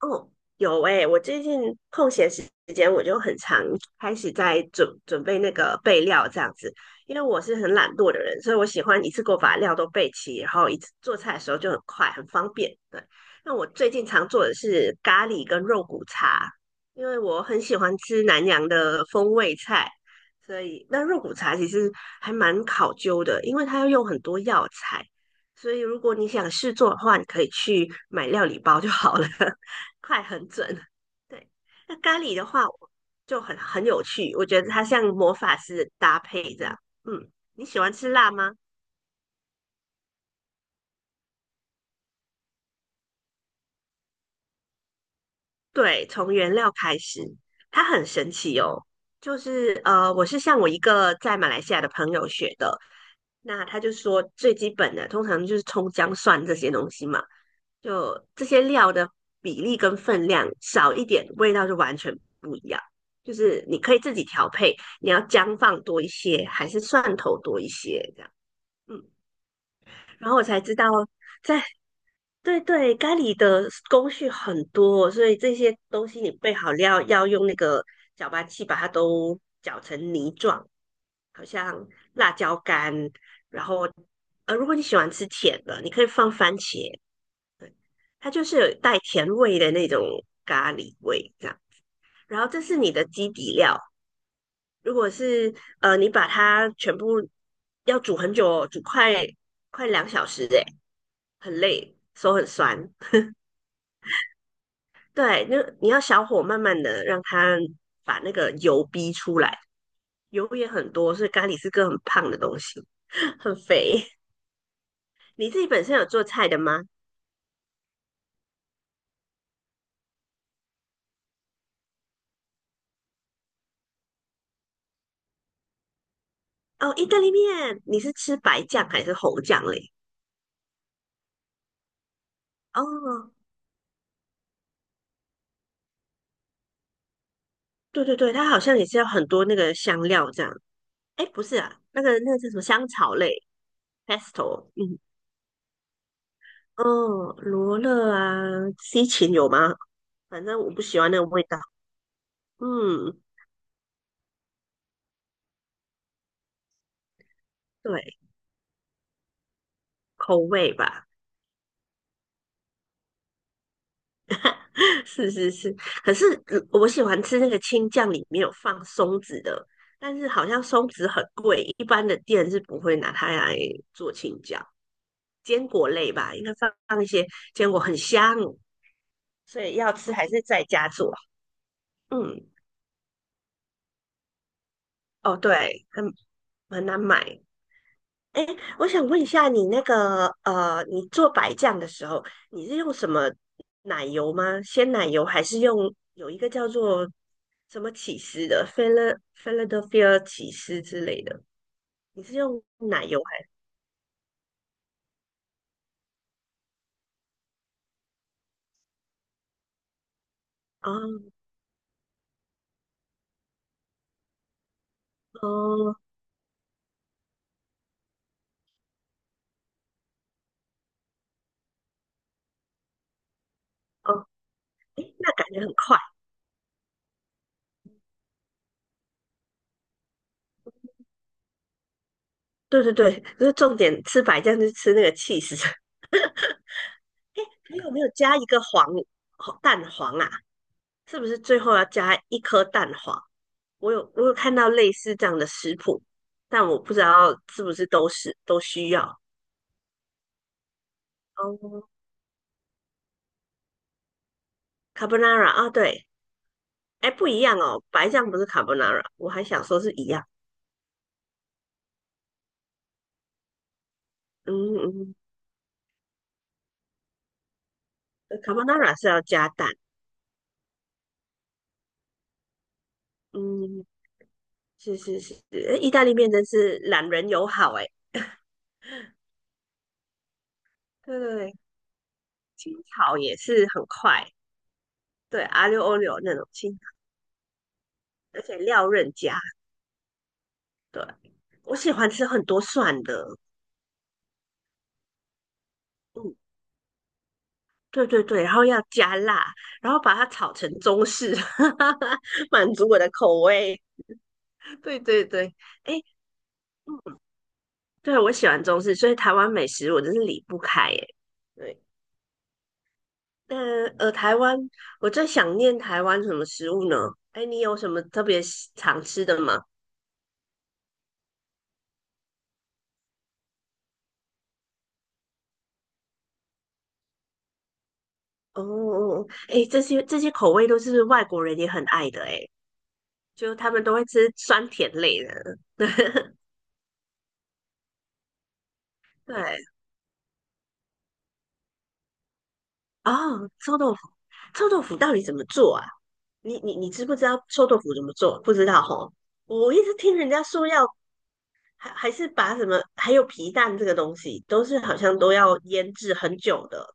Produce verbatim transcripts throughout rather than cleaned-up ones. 哦，有诶，我最近空闲时间我就很常开始在准准备那个备料这样子，因为我是很懒惰的人，所以我喜欢一次过把料都备齐，然后一次做菜的时候就很快，很方便。对，那我最近常做的是咖喱跟肉骨茶，因为我很喜欢吃南洋的风味菜，所以那肉骨茶其实还蛮考究的，因为它要用很多药材，所以如果你想试做的话，你可以去买料理包就好了。快很准。对，那咖喱的话就很很有趣，我觉得它像魔法师的搭配这样。嗯，你喜欢吃辣吗？对，从原料开始，它很神奇哦。就是呃，我是向我一个在马来西亚的朋友学的，那他就说最基本的，通常就是葱姜蒜这些东西嘛。就这些料的比例跟分量少一点，味道就完全不一样。就是你可以自己调配，你要姜放多一些，还是蒜头多一些这样。嗯，然后我才知道在，对对，咖喱的工序很多，所以这些东西你备好料要用那个搅拌器把它都搅成泥状，好像辣椒干。然后，呃，如果你喜欢吃甜的，你可以放番茄，它就是有带甜味的那种咖喱味这样。然后这是你的基底料，如果是呃你把它全部要煮很久哦，煮快快两小时哎，很累，手很酸。对，那你要小火慢慢的让它把那个油逼出来，油也很多，所以咖喱是个很胖的东西，很肥。你自己本身有做菜的吗？哦，意大利面，你是吃白酱还是红酱嘞？哦，对对对，它好像也是要很多那个香料这样。哎，不是啊，那个那个叫什么香草类，pesto,嗯哦，罗勒啊，西芹有吗？反正我不喜欢那个味道。嗯，对，口味吧，是是是。可是呃我喜欢吃那个青酱，里面有放松子的，但是好像松子很贵，一般的店是不会拿它来做青酱。坚果类吧，应该放放一些坚果，很香，所以要吃还是在家做。嗯。哦，对，很很难买。哎，我想问一下，你那个呃，你做白酱的时候，你是用什么奶油吗？鲜奶油还是用有一个叫做什么起司的，Phila- Philadelphia 起司之类的？你是用奶油还？哦哦哦，哎，那感觉很快。对对对，就是重点吃白酱就是吃那个起司。你有没有加一个黄蛋黄啊？是不是最后要加一颗蛋黄？我有我有看到类似这样的食谱，但我不知道是不是都是都需要。哦，carbonara 啊，对，哎，不一样哦，白酱不是 carbonara,我还想说是一样。嗯嗯呃，carbonara 是要加蛋。嗯，是是是，哎意大利面真是懒人友好哎。对对对，清炒也是很快，对 a 六 l 六那种清炒，而且料任加。对，我喜欢吃很多蒜的。嗯，对对对，然后要加辣，然后把它炒成中式，满足我的口味。对对对，哎，嗯对，我喜欢中式，所以台湾美食我真是离不开哎。对，但呃，台湾我最想念台湾什么食物呢？哎，你有什么特别喜常吃的吗？哦哦，哦哎，这些这些口味都是外国人也很爱的哎，就他们都会吃酸甜类的。对，哦，臭豆腐，臭豆腐到底怎么做啊？你你你知不知道臭豆腐怎么做？不知道吼，我一直听人家说要还还是把什么，还有皮蛋这个东西，都是好像都要腌制很久的，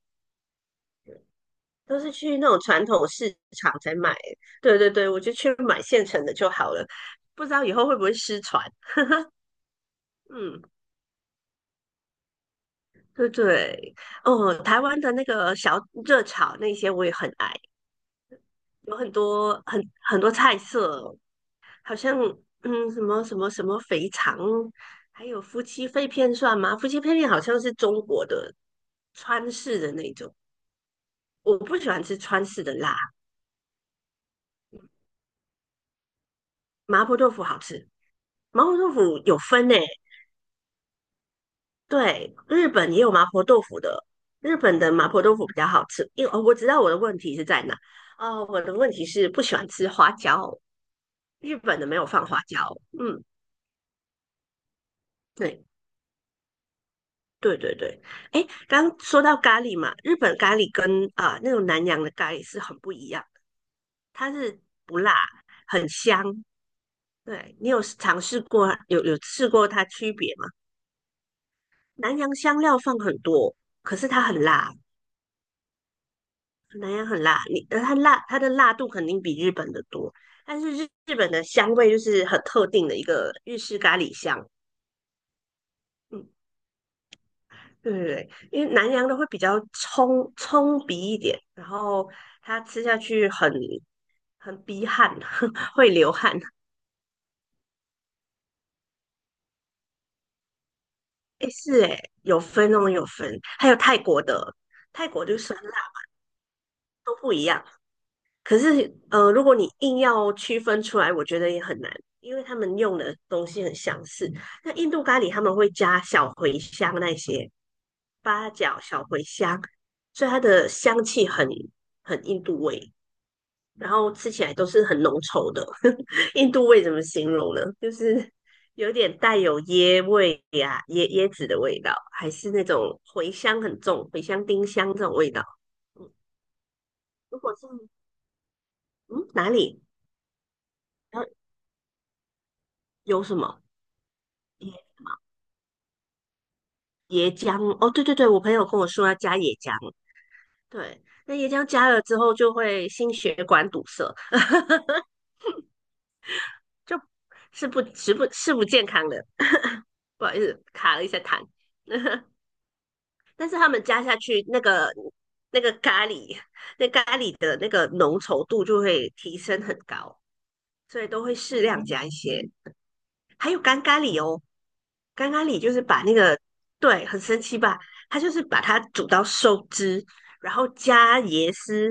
都是去那种传统市场才买。对对对，我就去买现成的就好了。不知道以后会不会失传？嗯，对对，哦，台湾的那个小热炒那些我也很爱，有很多很很多菜色，好像嗯什么什么什么肥肠，还有夫妻肺片算吗？夫妻肺片好像是中国的川式的那种，我不喜欢吃川式的辣。麻婆豆腐好吃，麻婆豆腐有分诶、对，日本也有麻婆豆腐的，日本的麻婆豆腐比较好吃。因为哦，我知道我的问题是在哪，哦，我的问题是不喜欢吃花椒，日本的没有放花椒，嗯，对。对对对，哎，刚说到咖喱嘛，日本咖喱跟啊、呃那种南洋的咖喱是很不一样的它是不辣，很香。对，你有尝试过，有有试过它区别吗？南洋香料放很多，可是它很辣，南洋很辣，你呃它辣，它的辣度肯定比日本的多，但是日日本的香味就是很特定的一个日式咖喱香。嗯，对对对，因为南洋的会比较冲冲鼻一点，然后它吃下去很很逼汗，会流汗。诶，是诶，有分哦，有分。还有泰国的，泰国就是酸辣都不一样。可是呃，如果你硬要区分出来，我觉得也很难，因为他们用的东西很相似。那印度咖喱他们会加小茴香那些八角、小茴香，所以它的香气很很印度味。然后吃起来都是很浓稠的。印度味怎么形容呢？就是有点带有椰味呀、啊椰椰子的味道，还是那种茴香很重、茴香、丁香这种味道。嗯，如果是嗯哪里？然后有什么椰椰浆？哦，对对对，我朋友跟我说要加椰浆，对，那椰浆加了之后就会心血管堵塞，就是不是不是不健康的。不好意思，卡了一下痰。但是他们加下去那个那个咖喱，那咖喱的那个浓稠度就会提升很高，所以都会适量加一些。还有干咖喱哦，干咖喱就是把那个，对，很神奇吧？它就是把它煮到收汁，然后加椰丝，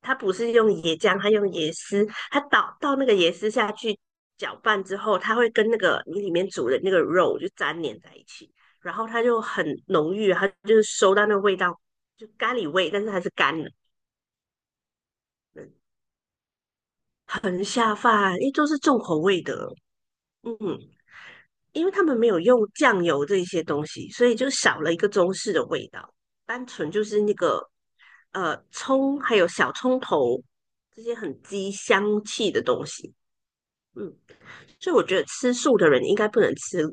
它不是用椰浆，它用椰丝，它倒倒那个椰丝下去搅拌之后，它会跟那个你里面煮的那个肉就粘连在一起，然后它就很浓郁，它就是收到那个味道，就咖喱味，但是它是干的，嗯很下饭，因为都是重口味的，嗯，因为他们没有用酱油这些东西，所以就少了一个中式的味道，单纯就是那个呃葱还有小葱头这些很激香气的东西，嗯。所以我觉得吃素的人应该不能吃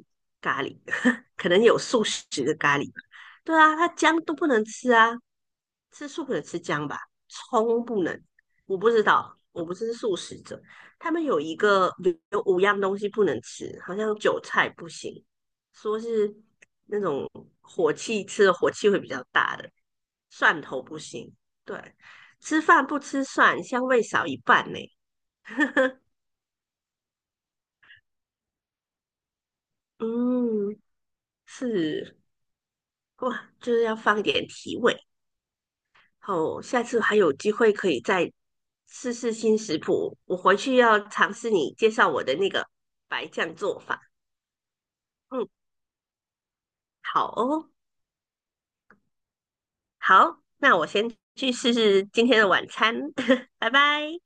咖喱，可能有素食的咖喱。对啊，他姜都不能吃啊，吃素可能吃姜吧，葱不能。我不知道，我不是素食者。他们有一个有五样东西不能吃，好像韭菜不行，说是那种火气吃的火气会比较大的，蒜头不行。对，吃饭不吃蒜，香味少一半呢。嗯，是。哇，就是要放一点提味。好，下次还有机会可以再试试新食谱。我回去要尝试你介绍我的那个白酱做法。嗯，好哦，好，那我先去试试今天的晚餐，拜拜。